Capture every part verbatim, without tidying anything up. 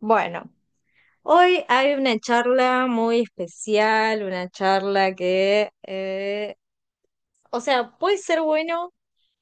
Bueno, hoy hay una charla muy especial, una charla que, eh, o sea, puede ser bueno,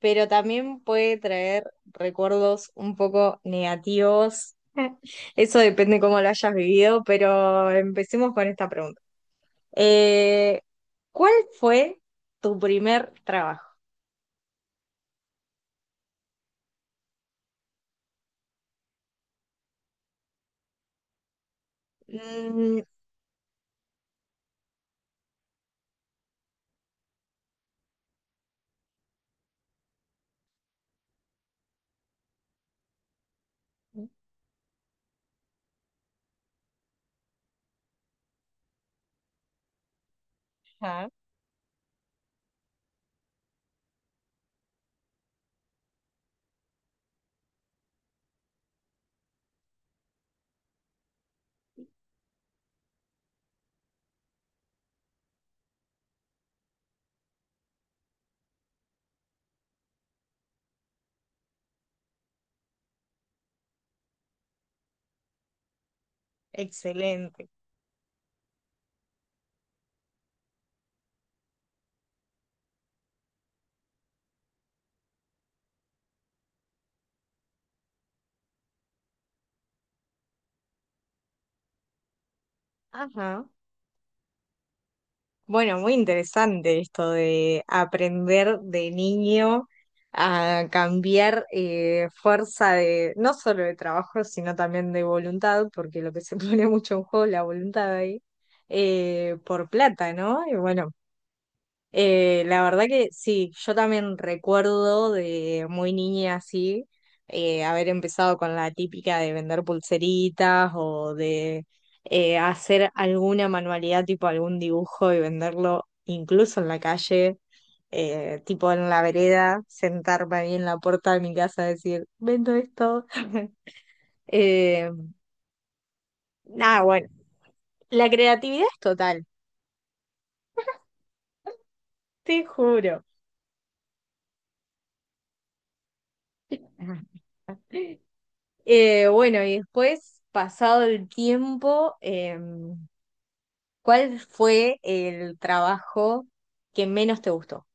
pero también puede traer recuerdos un poco negativos. Eso depende cómo lo hayas vivido, pero empecemos con esta pregunta. Eh, ¿cuál fue tu primer trabajo? Mm, ajá, excelente. Ajá. Bueno, muy interesante esto de aprender de niño a cambiar eh, fuerza de, no solo de trabajo, sino también de voluntad, porque lo que se pone mucho en juego es la voluntad ahí, eh, por plata, ¿no? Y bueno, eh, la verdad que sí, yo también recuerdo de muy niña así, eh, haber empezado con la típica de vender pulseritas o de eh, hacer alguna manualidad, tipo algún dibujo y venderlo incluso en la calle, eh, tipo en la vereda, sentarme ahí en la puerta de mi casa a decir, vendo esto. Eh, nada, bueno, la creatividad es total, te juro. Eh, bueno, y después, pasado el tiempo, em, ¿cuál fue el trabajo que menos te gustó?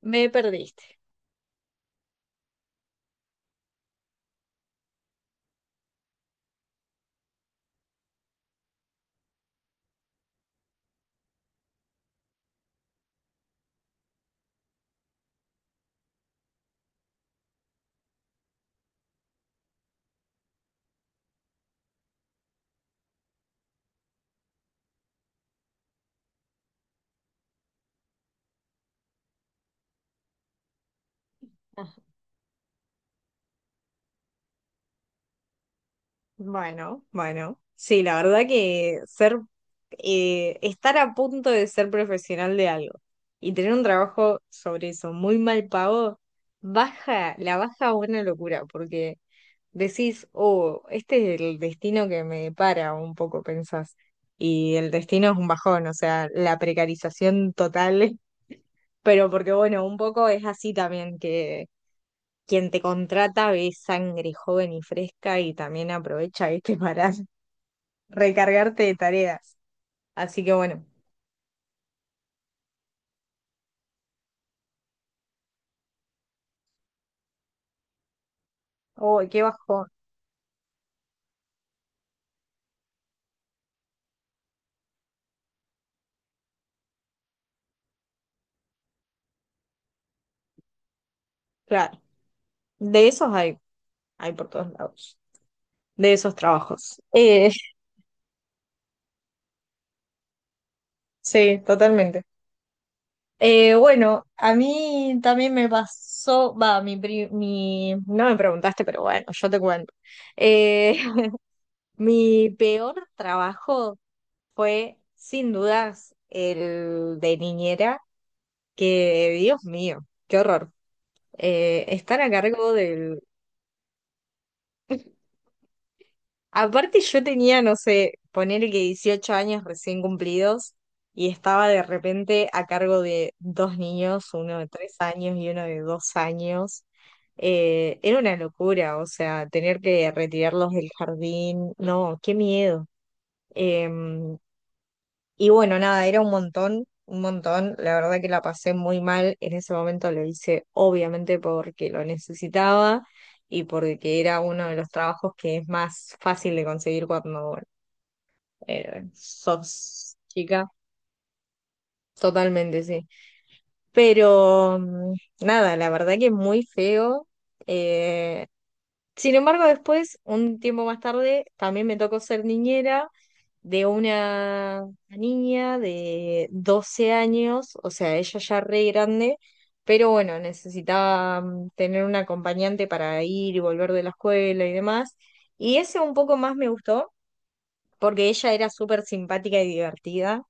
Me perdiste. Ah, bueno, bueno. Sí, la verdad que ser, eh, estar a punto de ser profesional de algo y tener un trabajo sobre eso muy mal pago, baja, la baja a una locura, porque decís, oh, este es el destino que me depara, un poco pensás. Y el destino es un bajón, o sea, la precarización total, pero porque bueno, un poco es así también que quien te contrata ve sangre joven y fresca y también aprovecha, viste, para recargarte de tareas. Así que bueno, oh, qué bajón. Claro, de esos hay, hay por todos lados, de esos trabajos. Eh, sí, totalmente. Eh, bueno, a mí también me pasó, va, mi, pri- mi, no me preguntaste, pero bueno, yo te cuento. Eh, mi peor trabajo fue, sin dudas, el de niñera, que, Dios mío, qué horror. Eh, estar a cargo del. Aparte yo tenía, no sé, ponerle que dieciocho años recién cumplidos y estaba de repente a cargo de dos niños, uno de tres años y uno de dos años. Eh, era una locura, o sea, tener que retirarlos del jardín, no, qué miedo. Eh, y bueno, nada, era un montón, un montón. La verdad que la pasé muy mal. En ese momento lo hice obviamente porque lo necesitaba y porque era uno de los trabajos que es más fácil de conseguir cuando eh, sos chica. Totalmente, sí. Pero mm, nada, la verdad que es muy feo. Eh, sin embargo, después, un tiempo más tarde, también me tocó ser niñera de una niña de doce años, o sea, ella ya re grande, pero bueno, necesitaba mm, tener un acompañante para ir y volver de la escuela y demás. Y ese un poco más me gustó porque ella era súper simpática y divertida,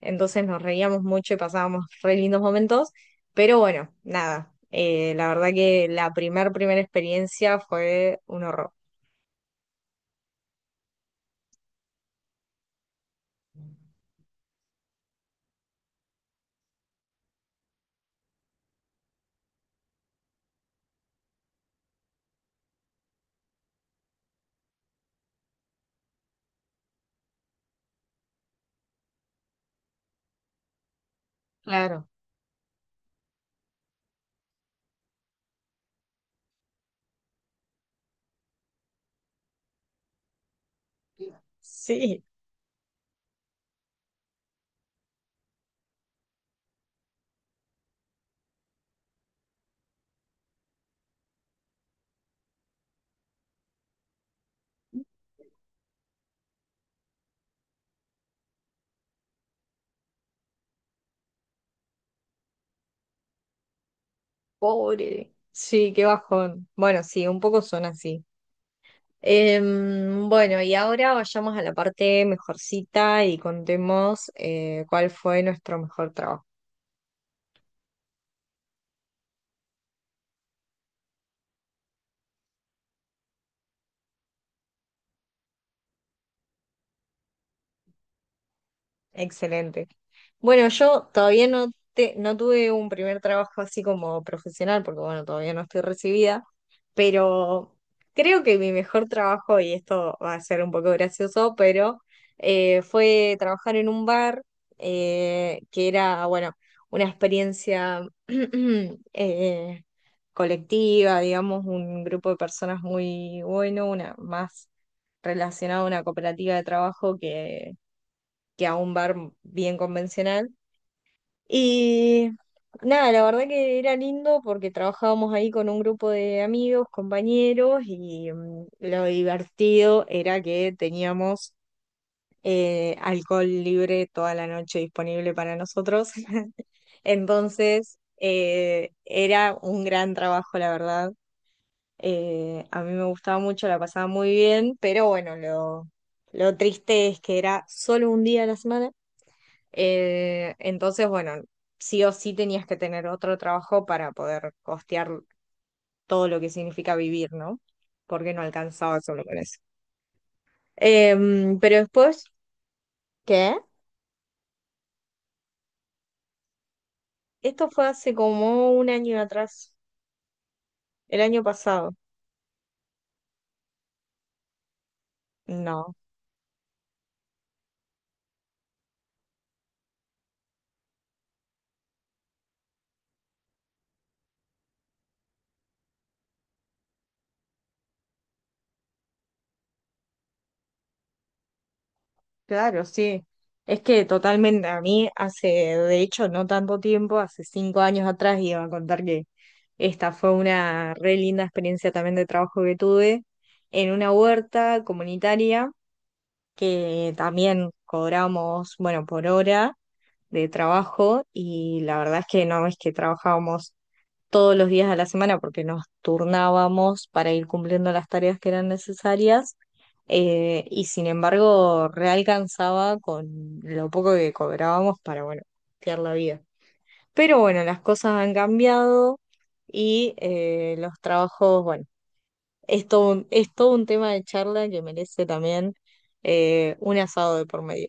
entonces nos reíamos mucho y pasábamos re lindos momentos, pero bueno, nada, eh, la verdad que la primer, primera experiencia fue un horror. Claro. Sí. Pobre. Sí, qué bajón. Bueno, sí, un poco son así. Em, bueno, y ahora vayamos a la parte mejorcita y contemos eh, cuál fue nuestro mejor trabajo. Excelente. Bueno, yo todavía no, te, no tuve un primer trabajo así como profesional, porque bueno, todavía no estoy recibida, pero creo que mi mejor trabajo, y esto va a ser un poco gracioso, pero eh, fue trabajar en un bar eh, que era, bueno, una experiencia eh, colectiva, digamos, un grupo de personas muy bueno, una más relacionada a una cooperativa de trabajo que que a un bar bien convencional. Y nada, la verdad que era lindo porque trabajábamos ahí con un grupo de amigos, compañeros, y mm, lo divertido era que teníamos eh, alcohol libre toda la noche disponible para nosotros. Entonces, eh, era un gran trabajo, la verdad. Eh, a mí me gustaba mucho, la pasaba muy bien, pero bueno, lo, lo triste es que era solo un día a la semana eh, entonces, bueno, sí o sí tenías que tener otro trabajo para poder costear todo lo que significa vivir, ¿no? Porque no alcanzaba solo con eso. Em, pero después, ¿qué? Esto fue hace como un año atrás, el año pasado. No, claro, sí. Es que totalmente, a mí hace, de hecho, no tanto tiempo, hace cinco años atrás iba a contar que esta fue una re linda experiencia también de trabajo que tuve en una huerta comunitaria que también cobramos, bueno, por hora de trabajo y la verdad es que no es que trabajábamos todos los días de la semana porque nos turnábamos para ir cumpliendo las tareas que eran necesarias eh, y sin embargo realcanzaba con lo poco que cobrábamos para, bueno, costear la vida. Pero bueno, las cosas han cambiado y eh, los trabajos, bueno, es todo un, es todo un tema de charla que merece también eh, un asado de por medio.